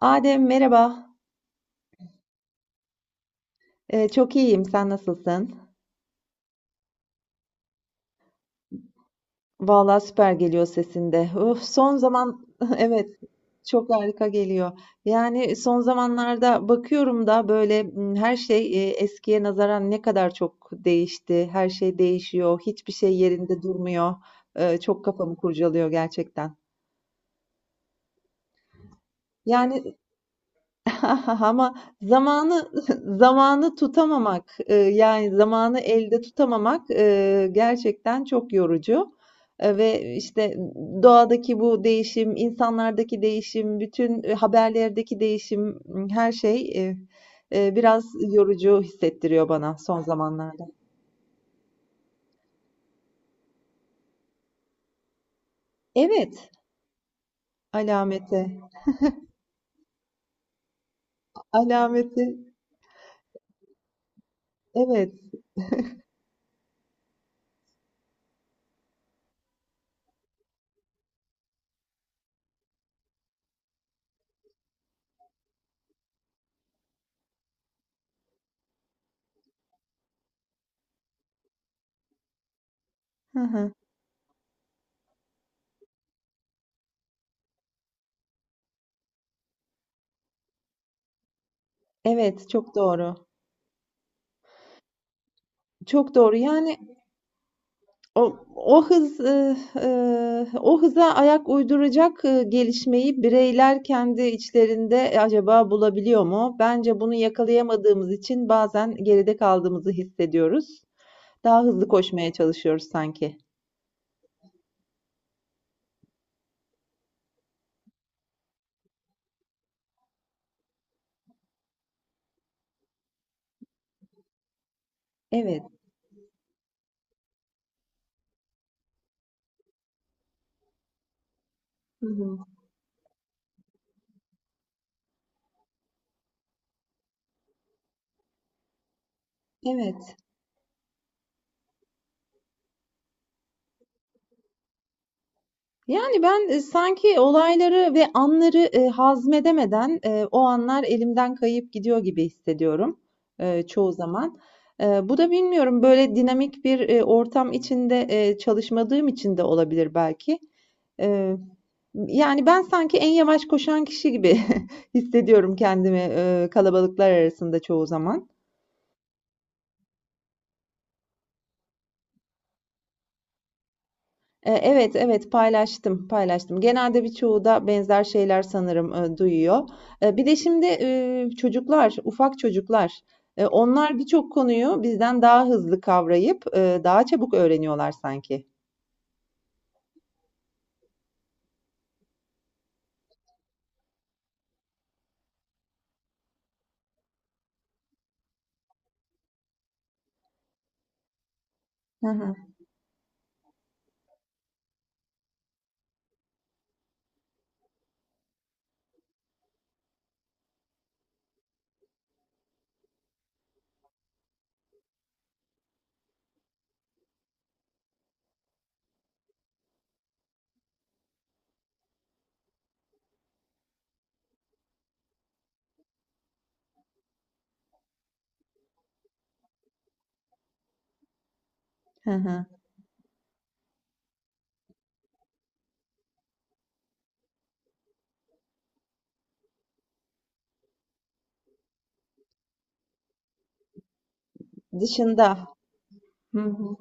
Adem merhaba. Çok iyiyim. Sen nasılsın? Vallahi süper geliyor sesinde. Uf, son zaman evet çok harika geliyor. Yani son zamanlarda bakıyorum da böyle, her şey eskiye nazaran ne kadar çok değişti. Her şey değişiyor. Hiçbir şey yerinde durmuyor. Çok kafamı kurcalıyor gerçekten. Yani ama zamanı zamanı tutamamak, yani, zamanı elde tutamamak, gerçekten çok yorucu, ve, işte, doğadaki bu değişim, insanlardaki değişim, bütün, haberlerdeki değişim, her şey, biraz yorucu hissettiriyor bana son zamanlarda. Evet, alameti, alameti, evet. Hı hı. Evet, çok doğru. Çok doğru. Yani o hız, o hıza ayak uyduracak, gelişmeyi bireyler kendi içlerinde e, acaba bulabiliyor mu? Bence bunu yakalayamadığımız için bazen geride kaldığımızı hissediyoruz. Daha hızlı koşmaya çalışıyoruz sanki. Evet. Hı hı. Evet. Yani ben, sanki olayları ve anları, hazmedemeden, o anlar elimden kayıp gidiyor gibi hissediyorum, çoğu zaman. Bu da bilmiyorum, böyle dinamik bir, ortam içinde, çalışmadığım için de olabilir belki. Eee, Yani ben sanki en yavaş koşan kişi gibi hissediyorum kendimi, kalabalıklar arasında çoğu zaman. Evet, evet paylaştım, paylaştım. Genelde birçoğu da benzer şeyler sanırım, duyuyor. Bir de şimdi, çocuklar, ufak çocuklar, onlar birçok konuyu bizden daha hızlı kavrayıp, daha çabuk öğreniyorlar sanki. Hı hı. Hı hı. Dışında. Hı hı.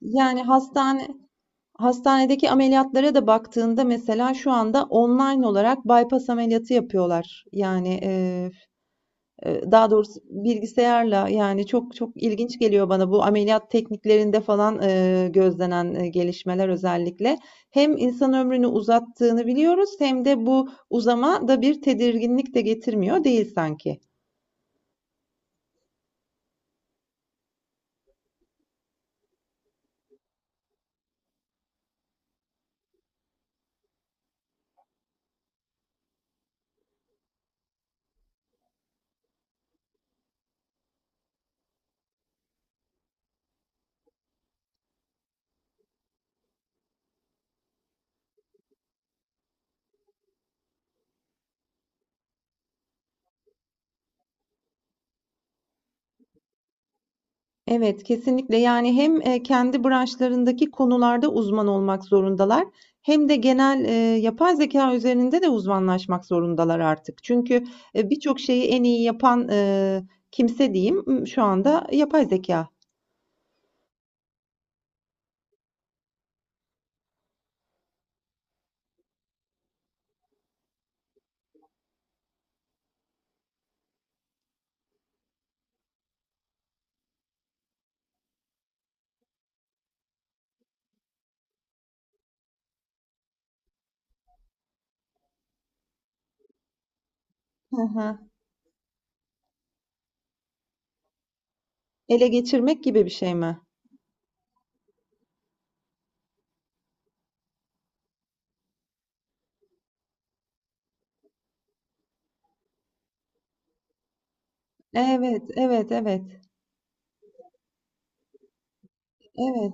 Yani hastane Hastanedeki ameliyatlara da baktığında mesela şu anda online olarak bypass ameliyatı yapıyorlar. Yani, daha doğrusu bilgisayarla yani çok çok ilginç geliyor bana bu ameliyat tekniklerinde falan, gözlenen, gelişmeler özellikle. Hem insan ömrünü uzattığını biliyoruz hem de bu uzama da bir tedirginlik de getirmiyor değil sanki. Evet, kesinlikle. Yani hem, kendi branşlarındaki konularda uzman olmak zorundalar hem de genel, yapay zekâ üzerinde de uzmanlaşmak zorundalar artık. Çünkü, birçok şeyi en iyi yapan, kimse diyeyim, şu anda yapay zekâ. Hı hı. Ele geçirmek gibi bir şey mi? Evet, evet, evet, evet.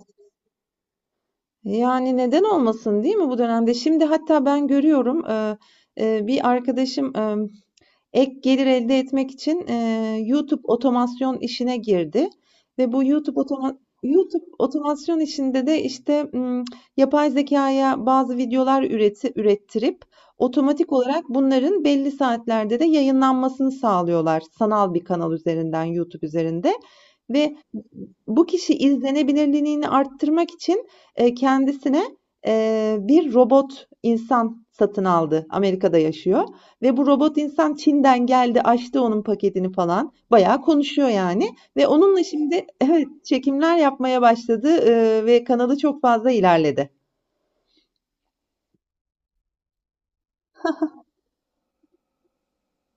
Yani neden olmasın değil mi bu dönemde? Şimdi hatta ben görüyorum bir arkadaşım e, ek gelir elde etmek için, YouTube otomasyon işine girdi ve bu YouTube otomasyon işinde de, işte, yapay zekaya bazı videolar ürettirip otomatik olarak bunların belli saatlerde de yayınlanmasını sağlıyorlar sanal bir kanal üzerinden, YouTube üzerinde ve bu kişi izlenebilirliğini arttırmak için, kendisine, bir robot insan satın aldı. Amerika'da yaşıyor. Ve bu robot insan Çin'den geldi, açtı onun paketini falan. Bayağı konuşuyor yani ve onunla şimdi evet, çekimler yapmaya başladı, ve kanalı çok fazla ilerledi.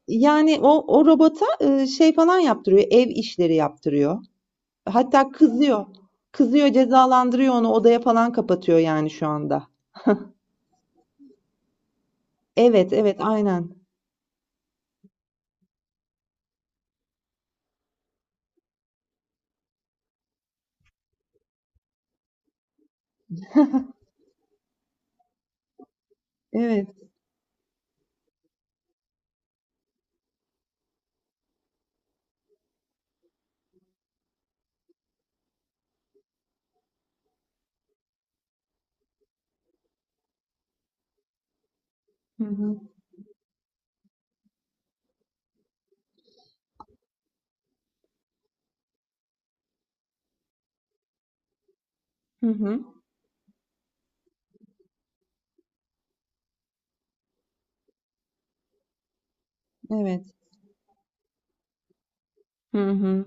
Yani o robota, şey falan yaptırıyor, ev işleri yaptırıyor. Hatta kızıyor. Kızıyor, cezalandırıyor onu, odaya falan kapatıyor yani şu anda. Evet, evet, aynen. Evet. Hı hı. Hı hı. Evet. Hı hı.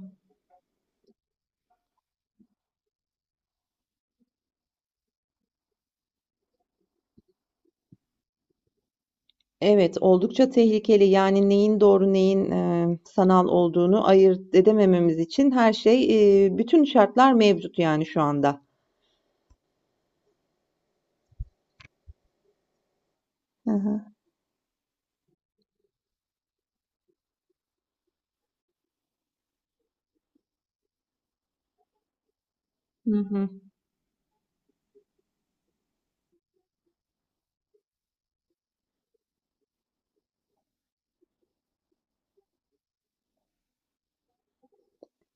Evet, oldukça tehlikeli. Yani neyin doğru, neyin, sanal olduğunu ayırt edemememiz için her şey, bütün şartlar mevcut yani şu anda. Hı hı. Hı hı.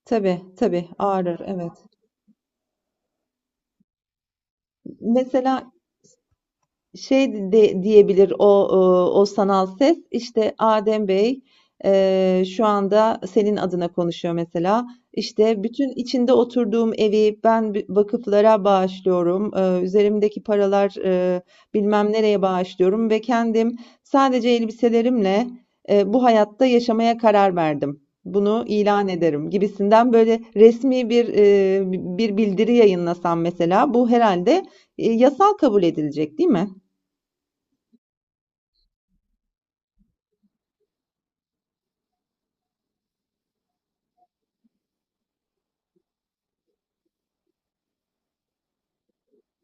Tabii, tabii ağrır, evet. Mesela şey de diyebilir o e, o sanal ses işte Adem Bey e, şu anda senin adına konuşuyor mesela işte bütün içinde oturduğum evi ben bi- vakıflara bağışlıyorum. E, üzerimdeki paralar e, bilmem nereye bağışlıyorum ve kendim sadece elbiselerimle e, bu hayatta yaşamaya karar verdim. Bunu ilan ederim gibisinden böyle resmi bir e, bir bildiri yayınlasam mesela bu herhalde e, yasal kabul edilecek değil mi?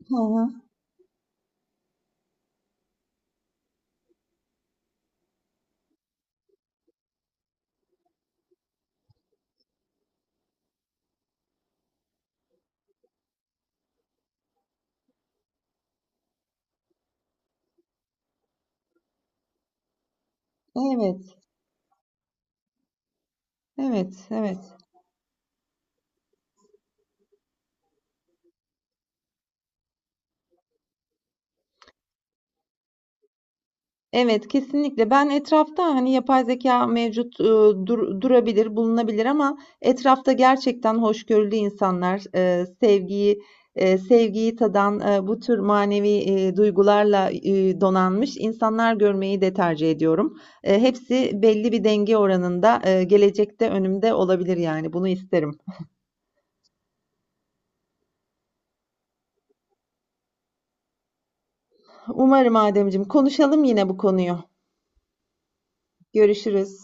Hı hı. Evet, evet, evet. Evet, kesinlikle. Ben etrafta hani yapay zeka mevcut e, durabilir, bulunabilir ama etrafta gerçekten hoşgörülü insanlar, e, sevgiyi e, sevgiyi tadan e, bu tür manevi e, duygularla e, donanmış insanlar görmeyi de tercih ediyorum. E, hepsi belli bir denge oranında e, gelecekte önümde olabilir yani bunu isterim. Umarım Ademciğim. Konuşalım yine bu konuyu. Görüşürüz.